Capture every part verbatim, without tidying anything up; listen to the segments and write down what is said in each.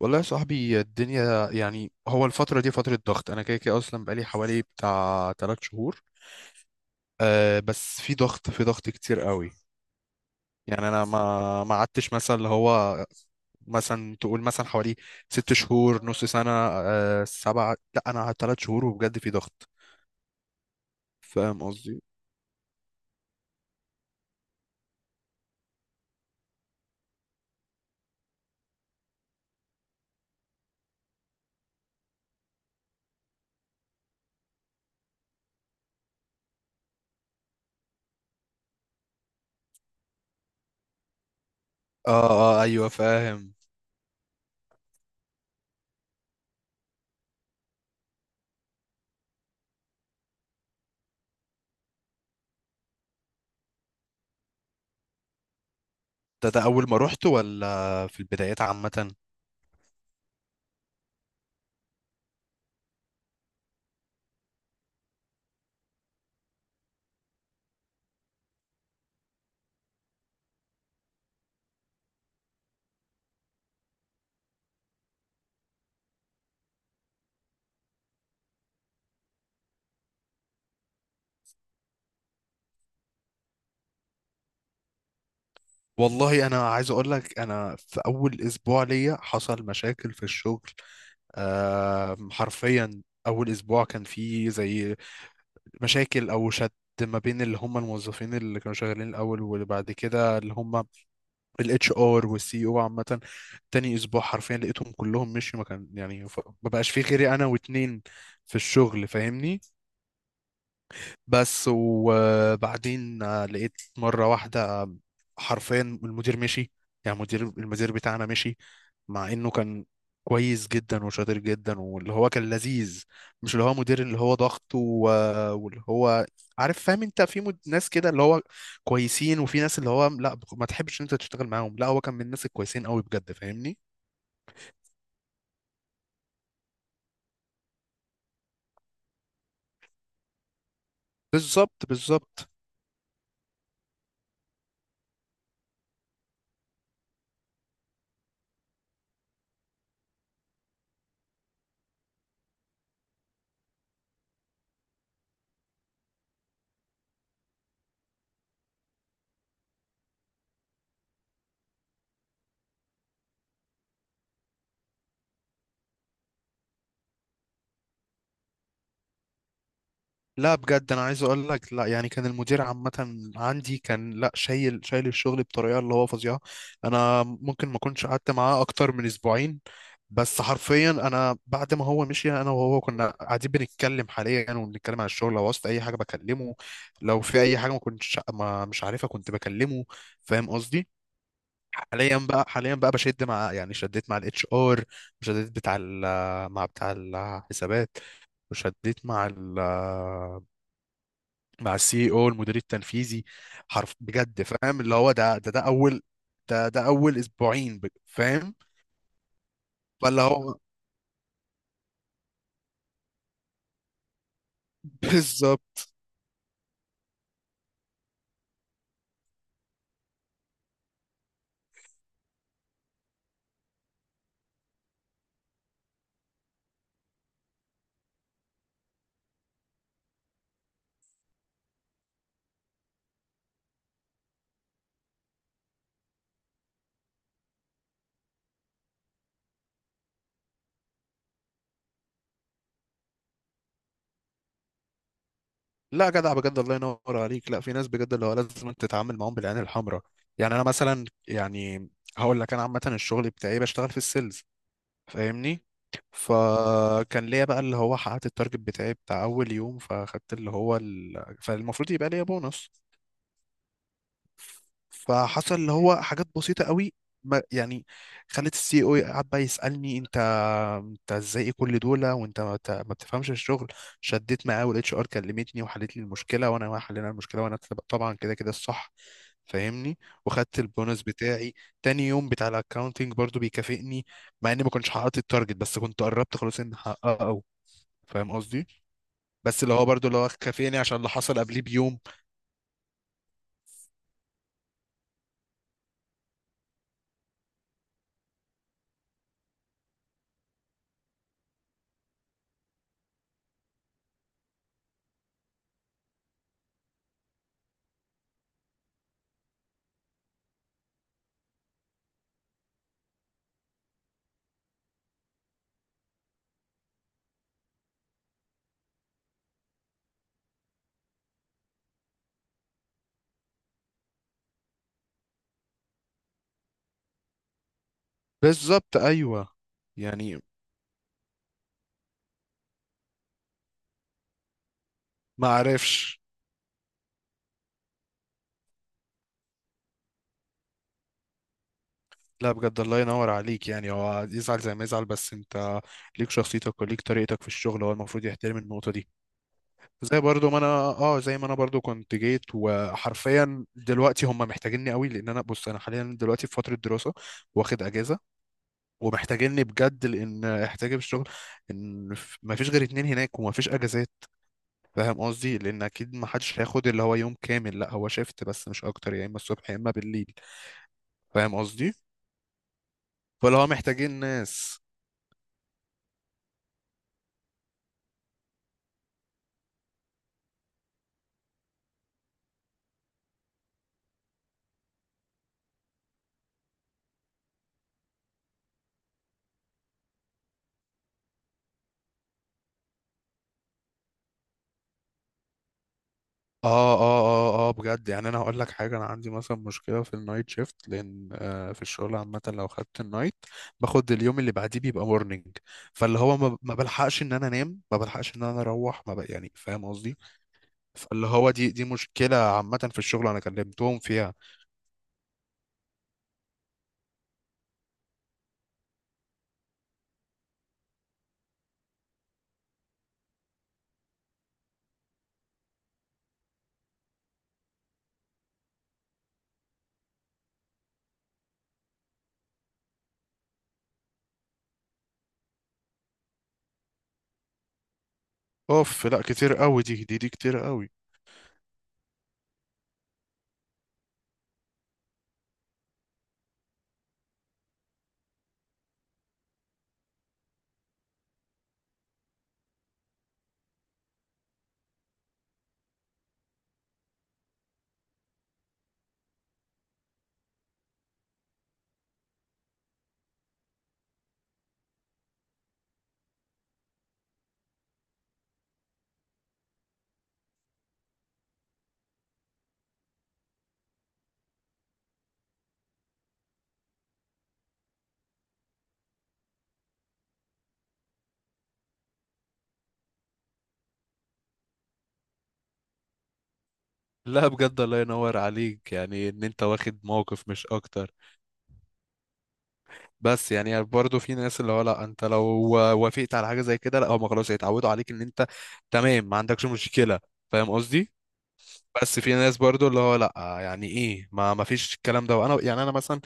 والله يا صاحبي، الدنيا يعني هو الفترة دي فترة ضغط. أنا كده كده أصلا بقالي حوالي بتاع تلات شهور. أه بس في ضغط في ضغط كتير قوي. يعني أنا ما ما قعدتش مثلا اللي هو، مثلا تقول مثلا حوالي ست شهور، نص سنة، أه سبعة، لا أنا قعدت تلات شهور وبجد في ضغط. فاهم قصدي؟ آه، آه، أيوه فاهم. ده ده أول ما رحت ولا في البدايات عامة؟ والله أنا عايز أقول لك، أنا في أول أسبوع ليا حصل مشاكل في الشغل. آم، حرفيا اول اسبوع كان فيه زي مشاكل او شد ما بين اللي هم الموظفين اللي كانوا شغالين الاول، وبعد كده اللي هم الاتش ار والسي او عامه. تاني اسبوع حرفيا لقيتهم كلهم مشيوا، ما كان يعني ف- ما بقاش فيه غيري انا واتنين في الشغل. فاهمني؟ بس وبعدين آه، لقيت مرة واحدة آه، حرفيا المدير مشي. يعني المدير المدير بتاعنا مشي مع انه كان كويس جدا وشاطر جدا واللي هو كان لذيذ. مش اللي هو مدير اللي هو ضغط و- واللي هو عارف فاهم انت، في مد... ناس كده اللي هو كويسين، وفي ناس اللي هو لا ما تحبش انت تشتغل معاهم. لا هو كان من الناس الكويسين قوي بجد. فاهمني؟ بالظبط، بالظبط. لا بجد، انا عايز اقول لك، لا يعني كان المدير عامه عندي كان لا شايل شايل الشغل بطريقه اللي هو فظيعه. انا ممكن ما كنتش قعدت معاه اكتر من اسبوعين. بس حرفيا انا بعد ما هو مشي، انا وهو كنا قاعدين بنتكلم حاليا وبنتكلم عن الشغل. لو وصلت اي حاجه بكلمه، لو في اي حاجه ما كنتش ما مش عارفها كنت بكلمه. فاهم قصدي؟ حاليا بقى حاليا بقى بشد مع، يعني شديت مع الاتش ار، وشديت بتاع ال- مع بتاع الحسابات، وشديت مع ال مع السي او المدير التنفيذي. حرف بجد فاهم اللي هو، ده ده ده اول، ده ده اول اسبوعين بج- فاهم. فاللي هو بالظبط. لا جدع بجد، الله ينور عليك. لا في ناس بجد اللي هو لازم تتعامل معاهم بالعين الحمراء. يعني انا مثلا، يعني هقول لك، انا عامه الشغل بتاعي بشتغل في السيلز. فاهمني؟ فكان ليا بقى اللي هو حققت التارجت بتاعي بتاع اول يوم، فاخدت اللي هو ال... فالمفروض يبقى ليا بونص. فحصل اللي هو حاجات بسيطة قوي، ما يعني خلت السي او قعد بقى يسألني: انت انت ازاي؟ إيه كل دول وانت ما ت- ما بتفهمش الشغل؟ شديت معاه والاتش ار كلمتني وحلت لي المشكلة، وانا ما حلينا المشكلة، وانا طب- طبعا كده كده الصح. فاهمني؟ وخدت البونص بتاعي. تاني يوم بتاع الاكاونتنج برضو بيكافئني، مع اني ما كنتش حققت التارجت، بس كنت قربت خلاص اني احققه. فاهم قصدي؟ بس اللي هو برضو اللي هو كافئني عشان اللي حصل قبليه بيوم. بالظبط، ايوه. يعني ما عرفش. لا بجد الله ينور عليك، يعني هو يزعل زي ما يزعل، بس انت ليك شخصيتك وليك طريقتك في الشغل، هو المفروض يحترم النقطة دي. زي برضو ما انا اه زي ما انا برضو كنت جيت، وحرفيا دلوقتي هم محتاجيني قوي، لان انا بص انا حاليا دلوقتي في فترة دراسة، واخد اجازة. ومحتاجيني بجد، لان احتاجي في الشغل. ان ف- ما فيش غير اتنين هناك وما فيش اجازات. فاهم قصدي؟ لان اكيد ما حدش هياخد اللي هو يوم كامل، لا هو شيفت بس مش اكتر، يا اما الصبح يا اما بالليل. فاهم قصدي؟ فاللي هو محتاجين ناس. اه، اه، اه، اه، بجد. يعني انا هقول لك حاجه، انا عندي مثلا مشكله في النايت شيفت، لان آه في الشغل عامه لو خدت النايت باخد اليوم اللي بعديه بيبقى مورنينج. فاللي هو ما ما بلحقش ان انا انام، ما بلحقش ان انا اروح، ما بق يعني فاهم قصدي؟ فاللي هو دي دي مشكله عامه في الشغل انا كلمتهم فيها. اوف، لا كتير قوي، دي دي دي كتير قوي. لا بجد الله ينور عليك، يعني ان انت واخد موقف مش اكتر. بس يعني برضه في ناس اللي هو لا، انت لو وافقت على حاجه زي كده لا هم خلاص هيتعودوا عليك ان انت تمام ما عندكش مشكله. فاهم قصدي؟ بس في ناس برضه اللي هو لا، يعني ايه؟ ما ما فيش الكلام ده. وانا يعني انا مثلا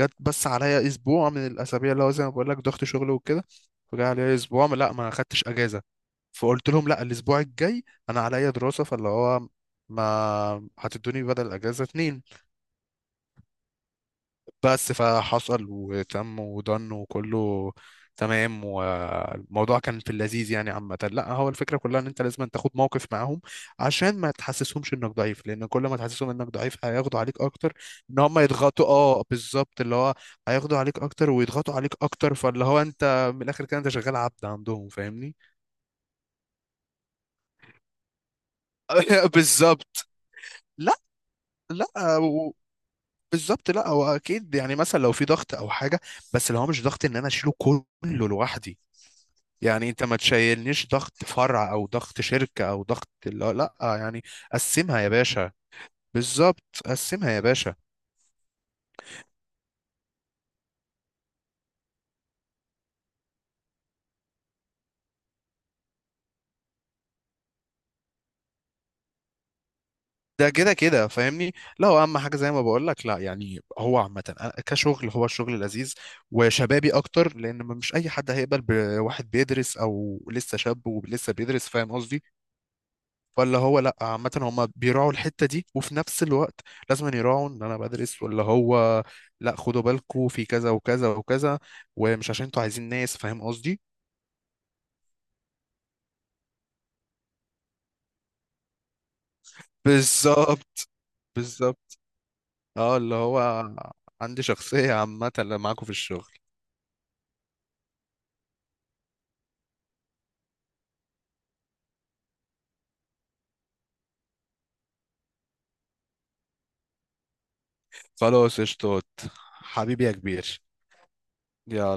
جت بس عليا اسبوع من الاسابيع اللي هو زي ما بقول لك ضغط شغل وكده. فجاء عليا اسبوع ما- لا ما خدتش اجازه. فقلت لهم لا، الاسبوع الجاي انا عليا دراسه، فاللي هو ما هتدوني بدل الاجازه اتنين. بس فحصل وتم ودن وكله تمام. والموضوع كان في اللذيذ يعني. عامة لا هو الفكرة كلها ان انت لازم أن تاخد موقف معاهم، عشان ما تحسسهمش انك ضعيف، لان كل ما تحسسهم انك ضعيف هياخدوا عليك اكتر. ان هم يضغطوا، اه بالظبط، اللي هو هياخدوا عليك اكتر ويضغطوا عليك اكتر. فاللي هو انت من الاخر كده انت شغال عبد عندهم. فاهمني؟ بالظبط. لا، لا، و- بالظبط. لا هو اكيد يعني مثلا لو في ضغط او حاجة، بس اللي هو مش ضغط ان انا اشيله كله لوحدي. يعني انت ما تشيلنيش ضغط فرع، او ضغط شركة، او ضغط، لا، لا، يعني قسمها يا باشا. بالظبط، قسمها يا باشا. ده كده كده فاهمني. لا هو اهم حاجه زي ما بقول لك، لا يعني هو عامه أنا كشغل، هو الشغل لذيذ وشبابي اكتر، لان مش اي حد هيقبل بواحد بيدرس او لسه شاب ولسه بيدرس. فاهم قصدي؟ ولا هو لا، عامة هما بيراعوا الحتة دي وفي نفس الوقت لازم أن يراعوا ان انا بدرس، ولا هو لا، خدوا بالكوا في كذا وكذا وكذا، ومش عشان انتوا عايزين ناس. فاهم قصدي؟ بالظبط، بالظبط. اه اللي هو عندي شخصية عامة اللي معاكوا في الشغل. خلاص قشطات. حبيبي يا كبير. يلا.